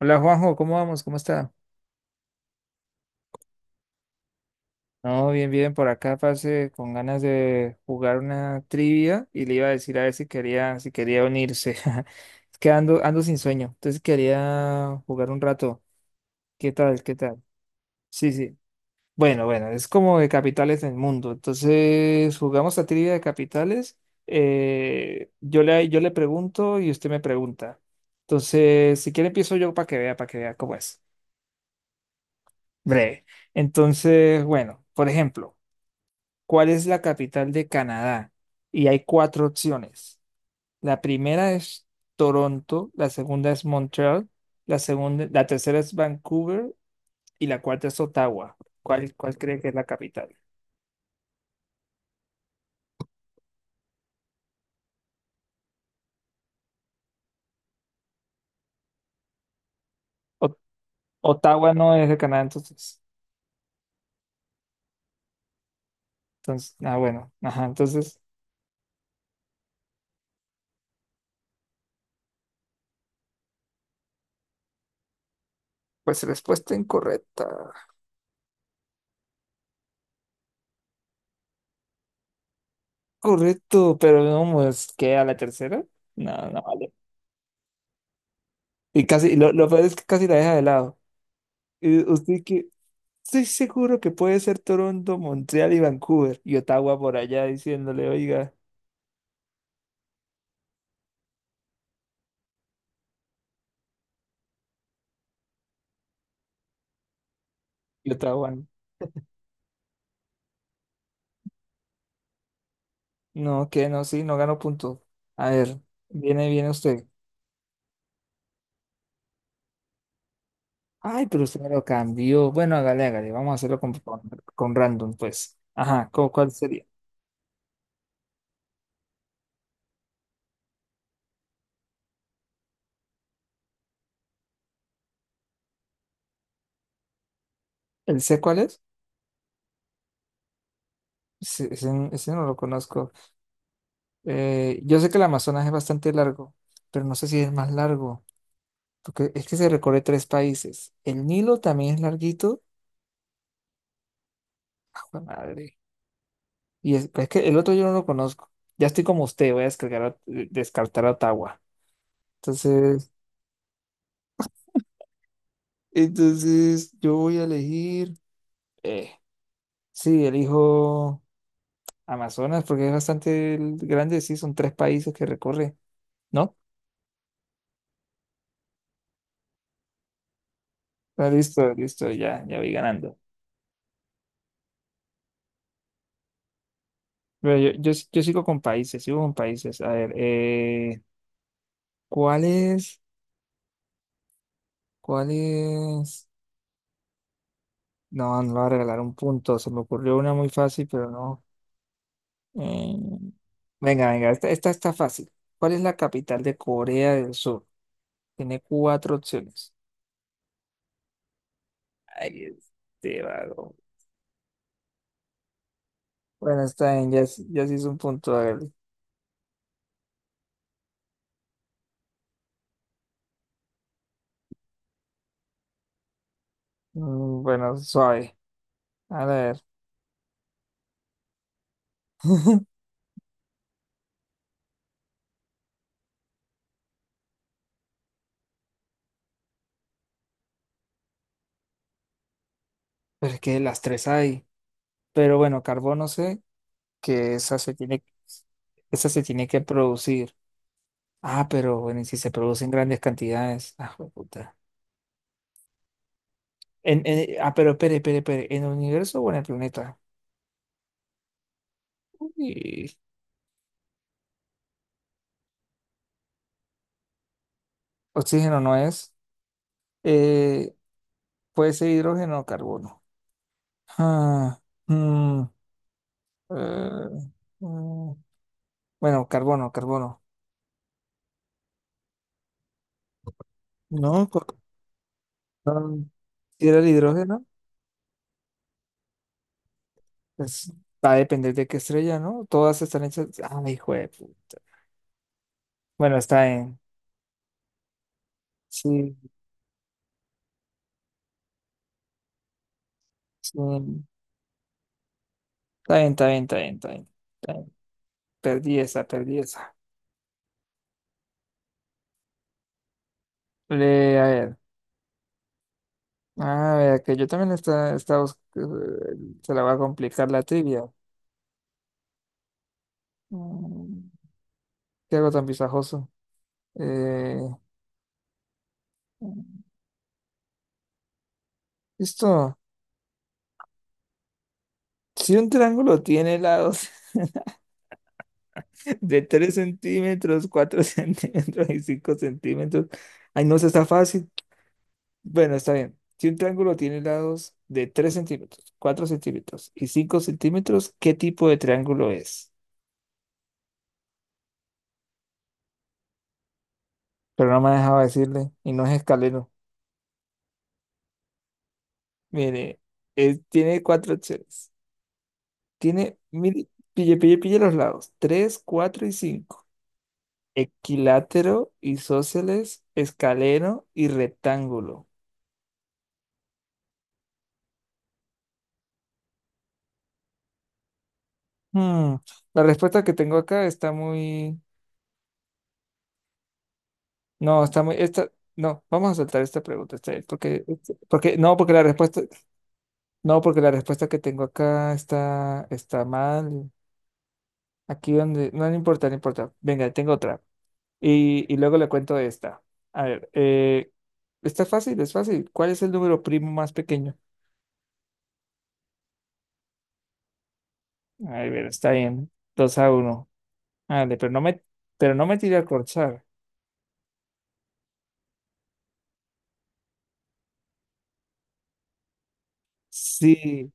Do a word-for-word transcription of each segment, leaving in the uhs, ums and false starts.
Hola Juanjo, ¿cómo vamos? ¿Cómo está? No, bien, bien, por acá pasé con ganas de jugar una trivia y le iba a decir a ver si quería, si quería unirse. Es que ando, ando sin sueño, entonces quería jugar un rato. ¿Qué tal? ¿Qué tal? Sí, sí. Bueno, bueno, es como de capitales del mundo. Entonces, jugamos a trivia de capitales. eh, yo le, yo le pregunto y usted me pregunta. Entonces, si quiere empiezo yo para que vea, para que vea cómo es. Breve. Entonces, bueno, por ejemplo. ¿Cuál es la capital de Canadá? Y hay cuatro opciones. La primera es Toronto, la segunda es Montreal, la segunda, la tercera es Vancouver y la cuarta es Ottawa. ¿Cuál, cuál cree que es la capital? O- Ottawa no es de Canadá, entonces. Entonces, ah, bueno, ajá, entonces, pues respuesta incorrecta. Correcto, pero no, pues, ¿qué? ¿A la tercera? No, no vale. Y casi, lo, lo peor es que casi la deja de lado. ¿Y usted qué? Estoy seguro que puede ser Toronto, Montreal y Vancouver. Y Ottawa por allá diciéndole, oiga, y Ottawa. No, que no, sí, no ganó punto. A ver, viene, viene usted. Ay, pero usted me lo cambió. Bueno, hágale, hágale. Vamos a hacerlo con, con, con random, pues. Ajá, ¿cu- ¿cuál sería? ¿El C cuál es? Ese, ese- ese no lo conozco. Eh, yo sé que el Amazonas es bastante largo, pero no sé si es el más largo. Porque es que se recorre tres países. El Nilo también es larguito. ¡Jue madre! Y es, pues, es que el otro yo no lo conozco. Ya estoy como usted, voy a descargar, a- descartar a Ottawa. Entonces, entonces yo voy a elegir. Eh, sí, elijo Amazonas porque es bastante grande. Sí, son tres países que recorre, ¿no? Ah, listo, listo, ya, ya voy ganando. Pero yo, yo, yo sigo con países, sigo con países. A ver, eh, ¿cuál es? ¿Cuál es? No, no le voy a regalar un punto. Se me ocurrió una muy fácil, pero no. Eh, venga, venga, esta, esta está fácil. ¿Cuál es la capital de Corea del Sur? Tiene cuatro opciones. Ay, este vago. Bueno, está bien, ya, sí- ya sí es un punto. Hágale. Mm, bueno, suave. A ver. Pero es que las tres hay. Pero bueno, carbono sé que esa se tiene, esa se tiene que producir. Ah, pero bueno, y si se produce en grandes cantidades. Ah, jueputa. En, en- ah, pero espere, espere, espere. ¿En el universo o en el planeta? Uy. Oxígeno no es. Eh, puede ser hidrógeno o carbono. Ah, mm, eh, mm, bueno, carbono, carbono. No, co- no, si era el hidrógeno, pues va a depender de qué estrella, ¿no? Todas están hechas. Ah, hijo de puta. Bueno, está bien. Sí, sí. Está bien, está bien, está bien, está bien. Está bien. Perdí esa, perdí esa. Le a ver. A ver, que yo también está, está, bus- eh, se la va a complicar la trivia. Mm, ¿Qué hago tan pisajoso? Eh, esto, si un triángulo tiene lados de tres centímetros, cuatro centímetros y cinco centímetros, ay, no, eso está fácil. Bueno, está bien. Si un triángulo tiene lados de tres centímetros, cuatro centímetros y cinco centímetros, ¿qué tipo de triángulo es? Pero no me dejaba decirle, y no es escalero. Mire, es- tiene cuatro opciones. Tiene, mire, pille, pille, pille los lados, tres cuatro y cinco. Equilátero, isósceles, escaleno y rectángulo. Hmm, La respuesta que tengo acá está muy... No, está muy... Esta... No, vamos a saltar esta pregunta. Está bien, porque, porque, no, porque la respuesta... No, porque la respuesta que tengo acá está, está mal. Aquí donde... No, no importa, no importa. Venga, tengo otra. Y, y luego le cuento esta. A ver, eh, está fácil, es fácil. ¿Cuál es el número primo más pequeño? A ver, está bien. Dos a uno. Ándale, pero no me, pero no me tiré a corchar. Sí,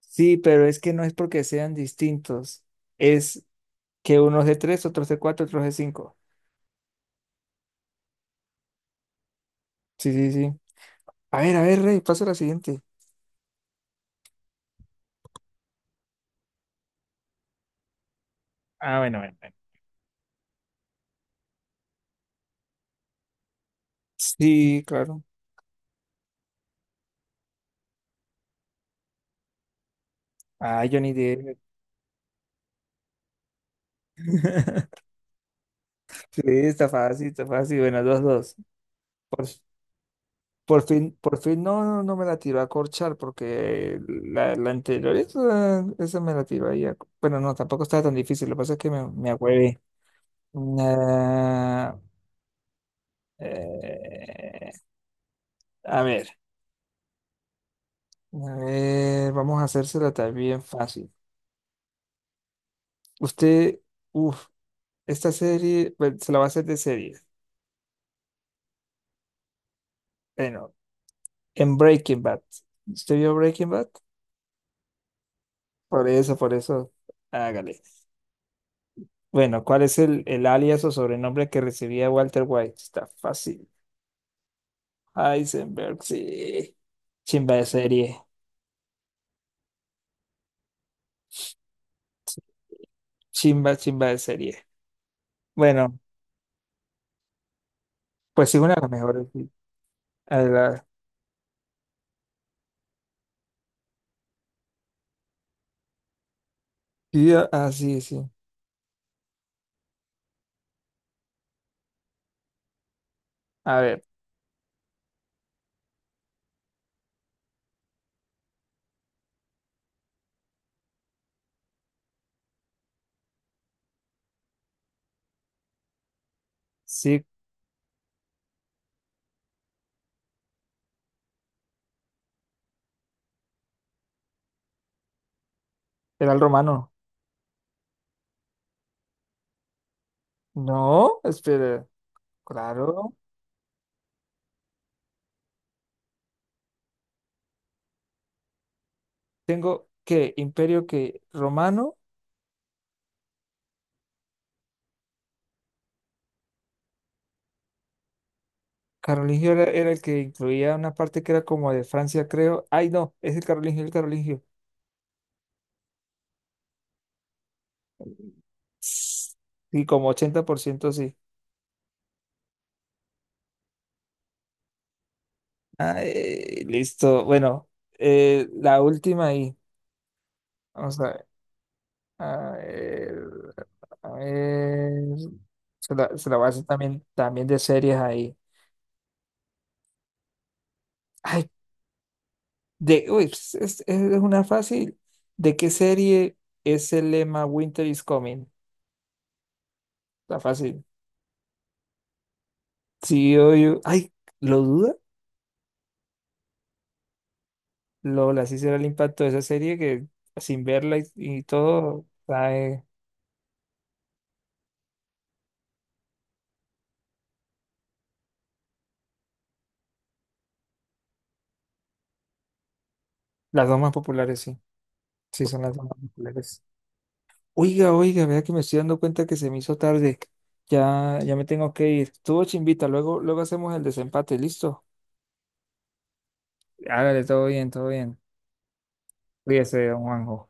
sí, pero es que no es porque sean distintos. Es que unos de tres, otros de cuatro, otros de cinco. Sí, sí, sí. A ver, a ver, Rey, paso a la siguiente. Ah, bueno, bueno, bueno. Sí, claro. Ah, Johnny Depp. Sí, está fácil, está fácil. Bueno, dos, dos. Por, por fin, por fin no, no, no me la tiró a corchar porque la, la anterior, esa, esa me la tiró ahí. a- Bueno, no, tampoco estaba tan difícil. Lo que pasa es que me, me agüevé. Ah, eh, eh, a ver, a ver, vamos a hacérsela también fácil. Usted, uff, esta serie, bueno, se la va a hacer de serie. Bueno, en Breaking Bad. ¿Usted vio Breaking Bad? Por eso, por eso, hágale. Bueno, ¿cuál es el, el alias o sobrenombre que recibía Walter White? Está fácil. Heisenberg, sí. Chimba de serie. Chimba, chimba de serie. Bueno, pues sí, una de las mejores. Sí. Sí, a- ah, sí, sí. A ver, sí, era el romano. No, espera, claro. Tengo que imperio que romano, carolingio era, era el que incluía una parte que era como de Francia, creo. Ay, no, es el carolingio, el carolingio. Sí, como ochenta por ciento sí. Ay, listo. Bueno, eh, la última ahí. Vamos a ver. A ver, a ver. Se la, se la voy a hacer también, también de series ahí. Ay, De, uy, es, es- es una fácil. ¿De qué serie es el lema Winter is Coming? Está fácil. Sí yo, yo- ay, ¿lo duda? Lola, así será el impacto de esa serie que sin verla y, y todo, trae las dos más populares, sí. Sí, son las dos más populares. Oiga, oiga, vea que me estoy dando cuenta que se me hizo tarde. Ya, ya me tengo que ir. Estuvo chimbita, luego, luego hacemos el desempate, ¿listo? Hágale, todo bien, todo bien. Cuídese, don Juanjo.